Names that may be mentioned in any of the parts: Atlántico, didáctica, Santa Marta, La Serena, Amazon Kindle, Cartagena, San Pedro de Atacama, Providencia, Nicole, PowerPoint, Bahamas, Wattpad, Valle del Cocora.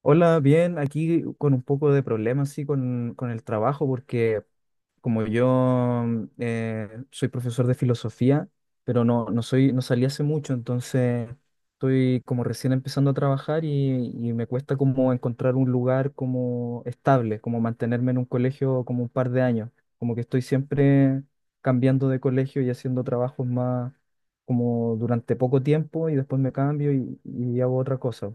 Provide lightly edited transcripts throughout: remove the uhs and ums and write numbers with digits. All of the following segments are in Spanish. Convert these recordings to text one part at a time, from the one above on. Hola, bien, aquí con un poco de problemas, sí, con el trabajo, porque como yo soy profesor de filosofía, pero no salí hace mucho. Entonces estoy como recién empezando a trabajar, y me cuesta como encontrar un lugar como estable, como mantenerme en un colegio como un par de años, como que estoy siempre cambiando de colegio y haciendo trabajos más como durante poco tiempo y después me cambio y hago otra cosa.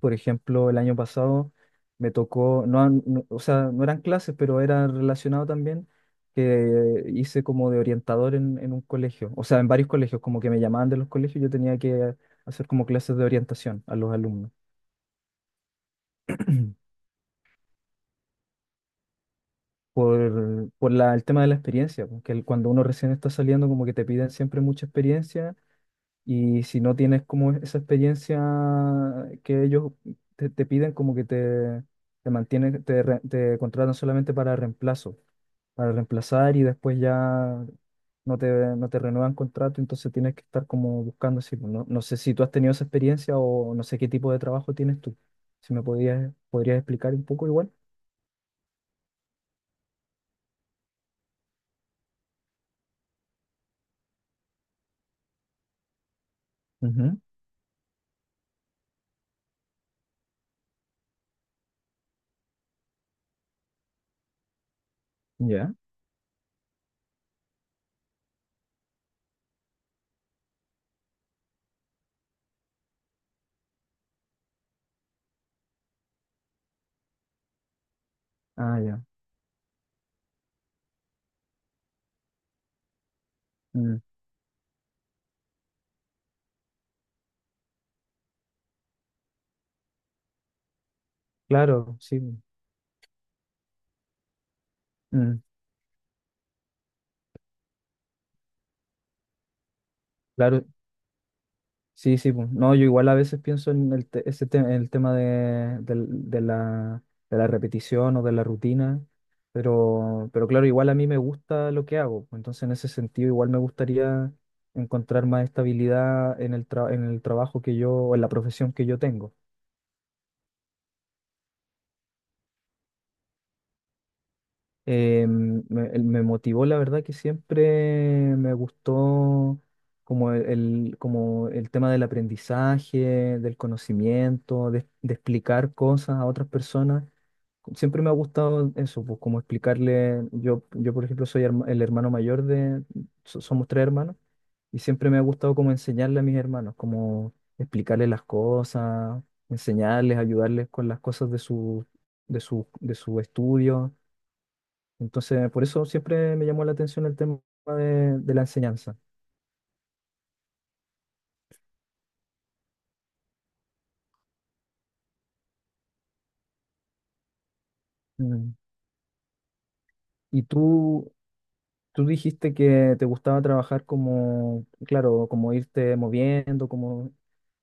Por ejemplo, el año pasado me tocó, o sea, no eran clases, pero era relacionado también, que hice como de orientador en un colegio, o sea, en varios colegios, como que me llamaban de los colegios, yo tenía que hacer como clases de orientación a los alumnos, el tema de la experiencia. Porque cuando uno recién está saliendo, como que te piden siempre mucha experiencia. Y si no tienes como esa experiencia que ellos te piden, como que te mantienen, te contratan solamente para reemplazo, para reemplazar, y después ya no te, no te renuevan contrato. Entonces tienes que estar como buscando así, pues. No, no sé si tú has tenido esa experiencia o no sé qué tipo de trabajo tienes tú. Si me podrías explicar un poco igual. Ujú. Ya. Ah, ya. Mm. Claro, sí. Mm. Claro. Sí, sí, pues. No, yo igual a veces pienso en el, te- ese te- en el tema de la repetición o de la rutina. Pero claro, igual a mí me gusta lo que hago, pues, entonces en ese sentido igual me gustaría encontrar más estabilidad en el trabajo que yo, o en la profesión que yo tengo. Me motivó, la verdad, que siempre me gustó como el tema del aprendizaje, del conocimiento, de explicar cosas a otras personas. Siempre me ha gustado eso, pues como explicarle. Yo por ejemplo el hermano mayor de, somos tres hermanos, y siempre me ha gustado como enseñarle a mis hermanos, como explicarles las cosas, enseñarles, ayudarles con las cosas de su, de su estudio. Entonces, por eso siempre me llamó la atención el tema de la enseñanza. Mm. Y tú dijiste que te gustaba trabajar como, claro, como irte moviendo, como,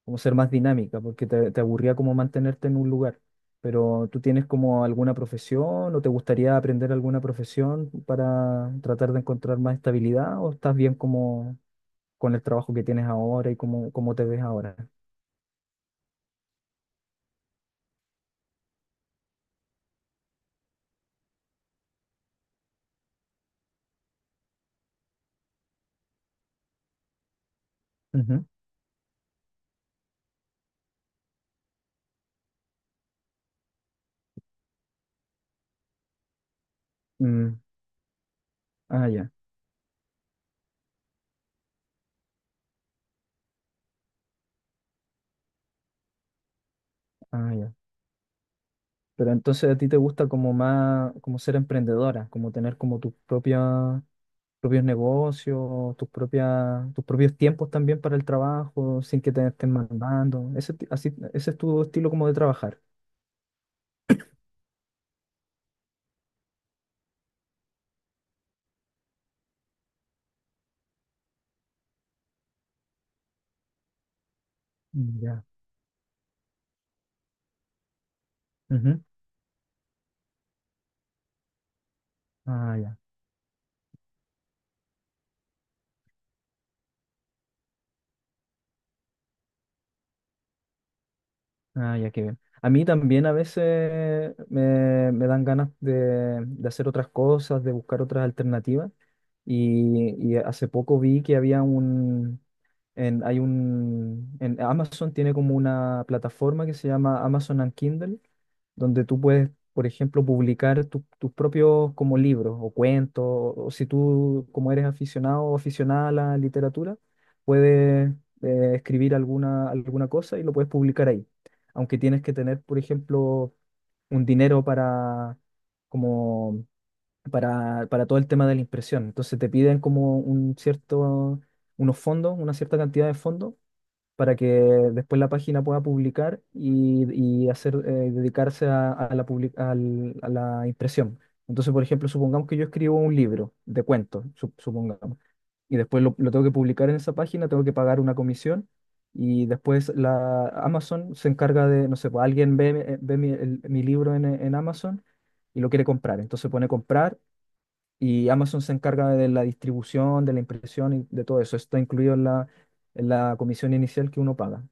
como ser más dinámica, porque te aburría como mantenerte en un lugar. Pero ¿tú tienes como alguna profesión o te gustaría aprender alguna profesión para tratar de encontrar más estabilidad o estás bien como con el trabajo que tienes ahora y cómo te ves ahora? Ujú. Mm. Ah, ya. Ah, ya. Pero entonces a ti te gusta como más, como ser emprendedora, como tener como tus propias, propios negocios, tus propias, tus propios tiempos también para el trabajo, sin que te estén mandando. Así, ese es tu estilo como de trabajar. Mm. Ya. Ujú. Ah, ya. Ah, ya, qué bien. A mí también a veces me dan ganas de hacer otras cosas, de buscar otras alternativas. Y hace poco vi que había En, hay un, en Amazon tiene como una plataforma que se llama Amazon and Kindle, donde tú puedes, por ejemplo, publicar tus propios como libros o cuentos. O si tú como eres aficionado o aficionada a la literatura, puedes escribir alguna cosa y lo puedes publicar ahí. Aunque tienes que tener, por ejemplo, un dinero como, para todo el tema de la impresión. Entonces te piden como un cierto unos fondos, una cierta cantidad de fondos para que después la página pueda publicar y hacer, dedicarse a la impresión. Entonces, por ejemplo, supongamos que yo escribo un libro de cuentos, supongamos, y después lo tengo que publicar en esa página, tengo que pagar una comisión, y después la Amazon se encarga de, no sé, pues, alguien ve mi libro en Amazon y lo quiere comprar. Entonces pone comprar y Amazon se encarga de la distribución, de la impresión y de todo eso. Está incluido en la comisión inicial que uno paga.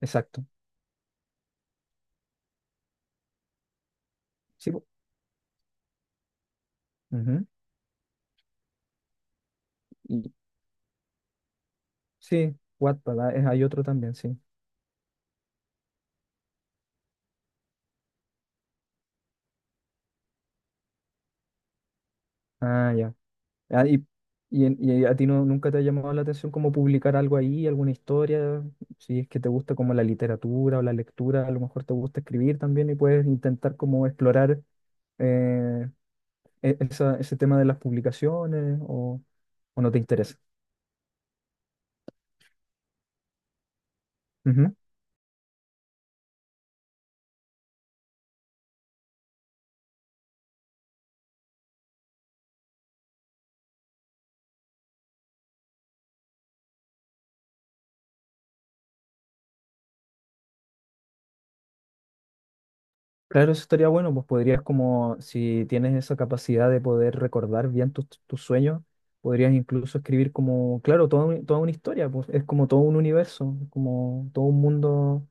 Exacto. Sí, po. Ujú. Y, sí, Wattpad. Ah, hay otro también, sí. Ah, ya. Ah, y a ti no, ¿nunca te ha llamado la atención como publicar algo ahí, alguna historia? Si es que te gusta como la literatura o la lectura, a lo mejor te gusta escribir también y puedes intentar como explorar eh, ese tema de las publicaciones, o no te interesa. Claro, eso estaría bueno, pues podrías como, si tienes esa capacidad de poder recordar bien tus sueños, podrías incluso escribir como, claro, toda una historia, pues es como todo un universo, como todo un mundo,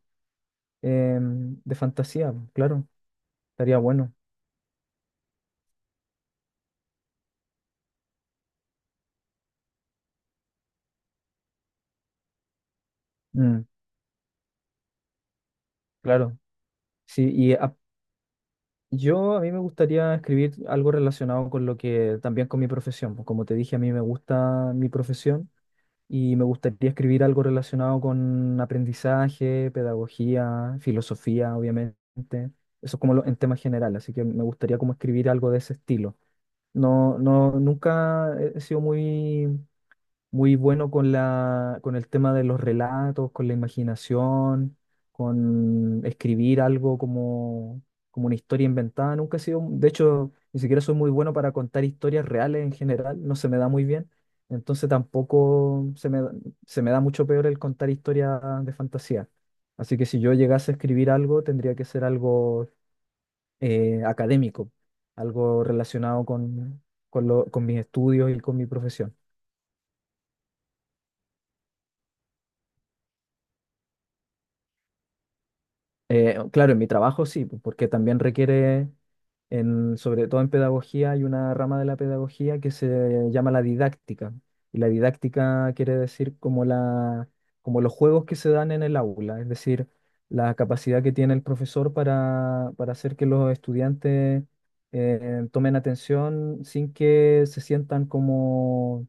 em, de fantasía, pues, claro, estaría bueno. Mm, claro, sí, y a- yo a mí me gustaría escribir algo relacionado con lo que, también con mi profesión, pues como te dije, a mí me gusta mi profesión. Y me gustaría escribir algo relacionado con aprendizaje, pedagogía, filosofía, obviamente. Eso es como en tema general, así que me gustaría como escribir algo de ese estilo. No, no, nunca he sido muy muy bueno con la, con el tema de los relatos, con la imaginación, con escribir algo como, como una historia inventada. Nunca he sido, de hecho, ni siquiera soy muy bueno para contar historias reales en general, no se me da muy bien. Entonces tampoco se me da mucho peor el contar historias de fantasía. Así que si yo llegase a escribir algo, tendría que ser algo académico, algo relacionado con mis estudios y con mi profesión. Claro, en mi trabajo sí, pues, porque también requiere, sobre todo en pedagogía, hay una rama de la pedagogía que se llama la didáctica. Y la didáctica quiere decir como la, como los juegos que se dan en el aula, es decir, la capacidad que tiene el profesor para hacer que los estudiantes tomen atención sin que se sientan como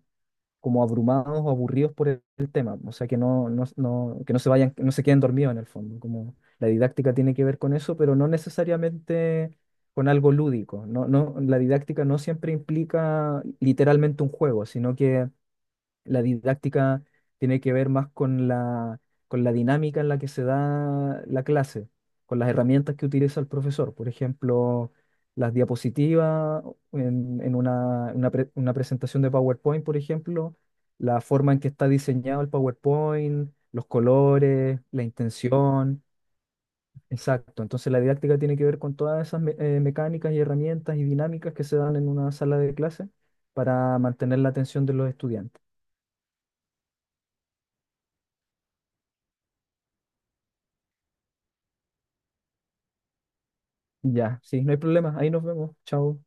como abrumados o aburridos por el tema, o sea, que que no se vayan, que no se queden dormidos en el fondo, como la didáctica tiene que ver con eso, pero no necesariamente con algo lúdico. No, no, la didáctica no siempre implica literalmente un juego, sino que la didáctica tiene que ver más con la dinámica en la que se da la clase, con las herramientas que utiliza el profesor. Por ejemplo, las diapositivas en una presentación de PowerPoint, por ejemplo, la forma en que está diseñado el PowerPoint, los colores, la intención. Exacto. Entonces la didáctica tiene que ver con todas esas mecánicas y herramientas y dinámicas que se dan en una sala de clase para mantener la atención de los estudiantes. Ya, sí, no hay problema. Ahí nos vemos. Chao.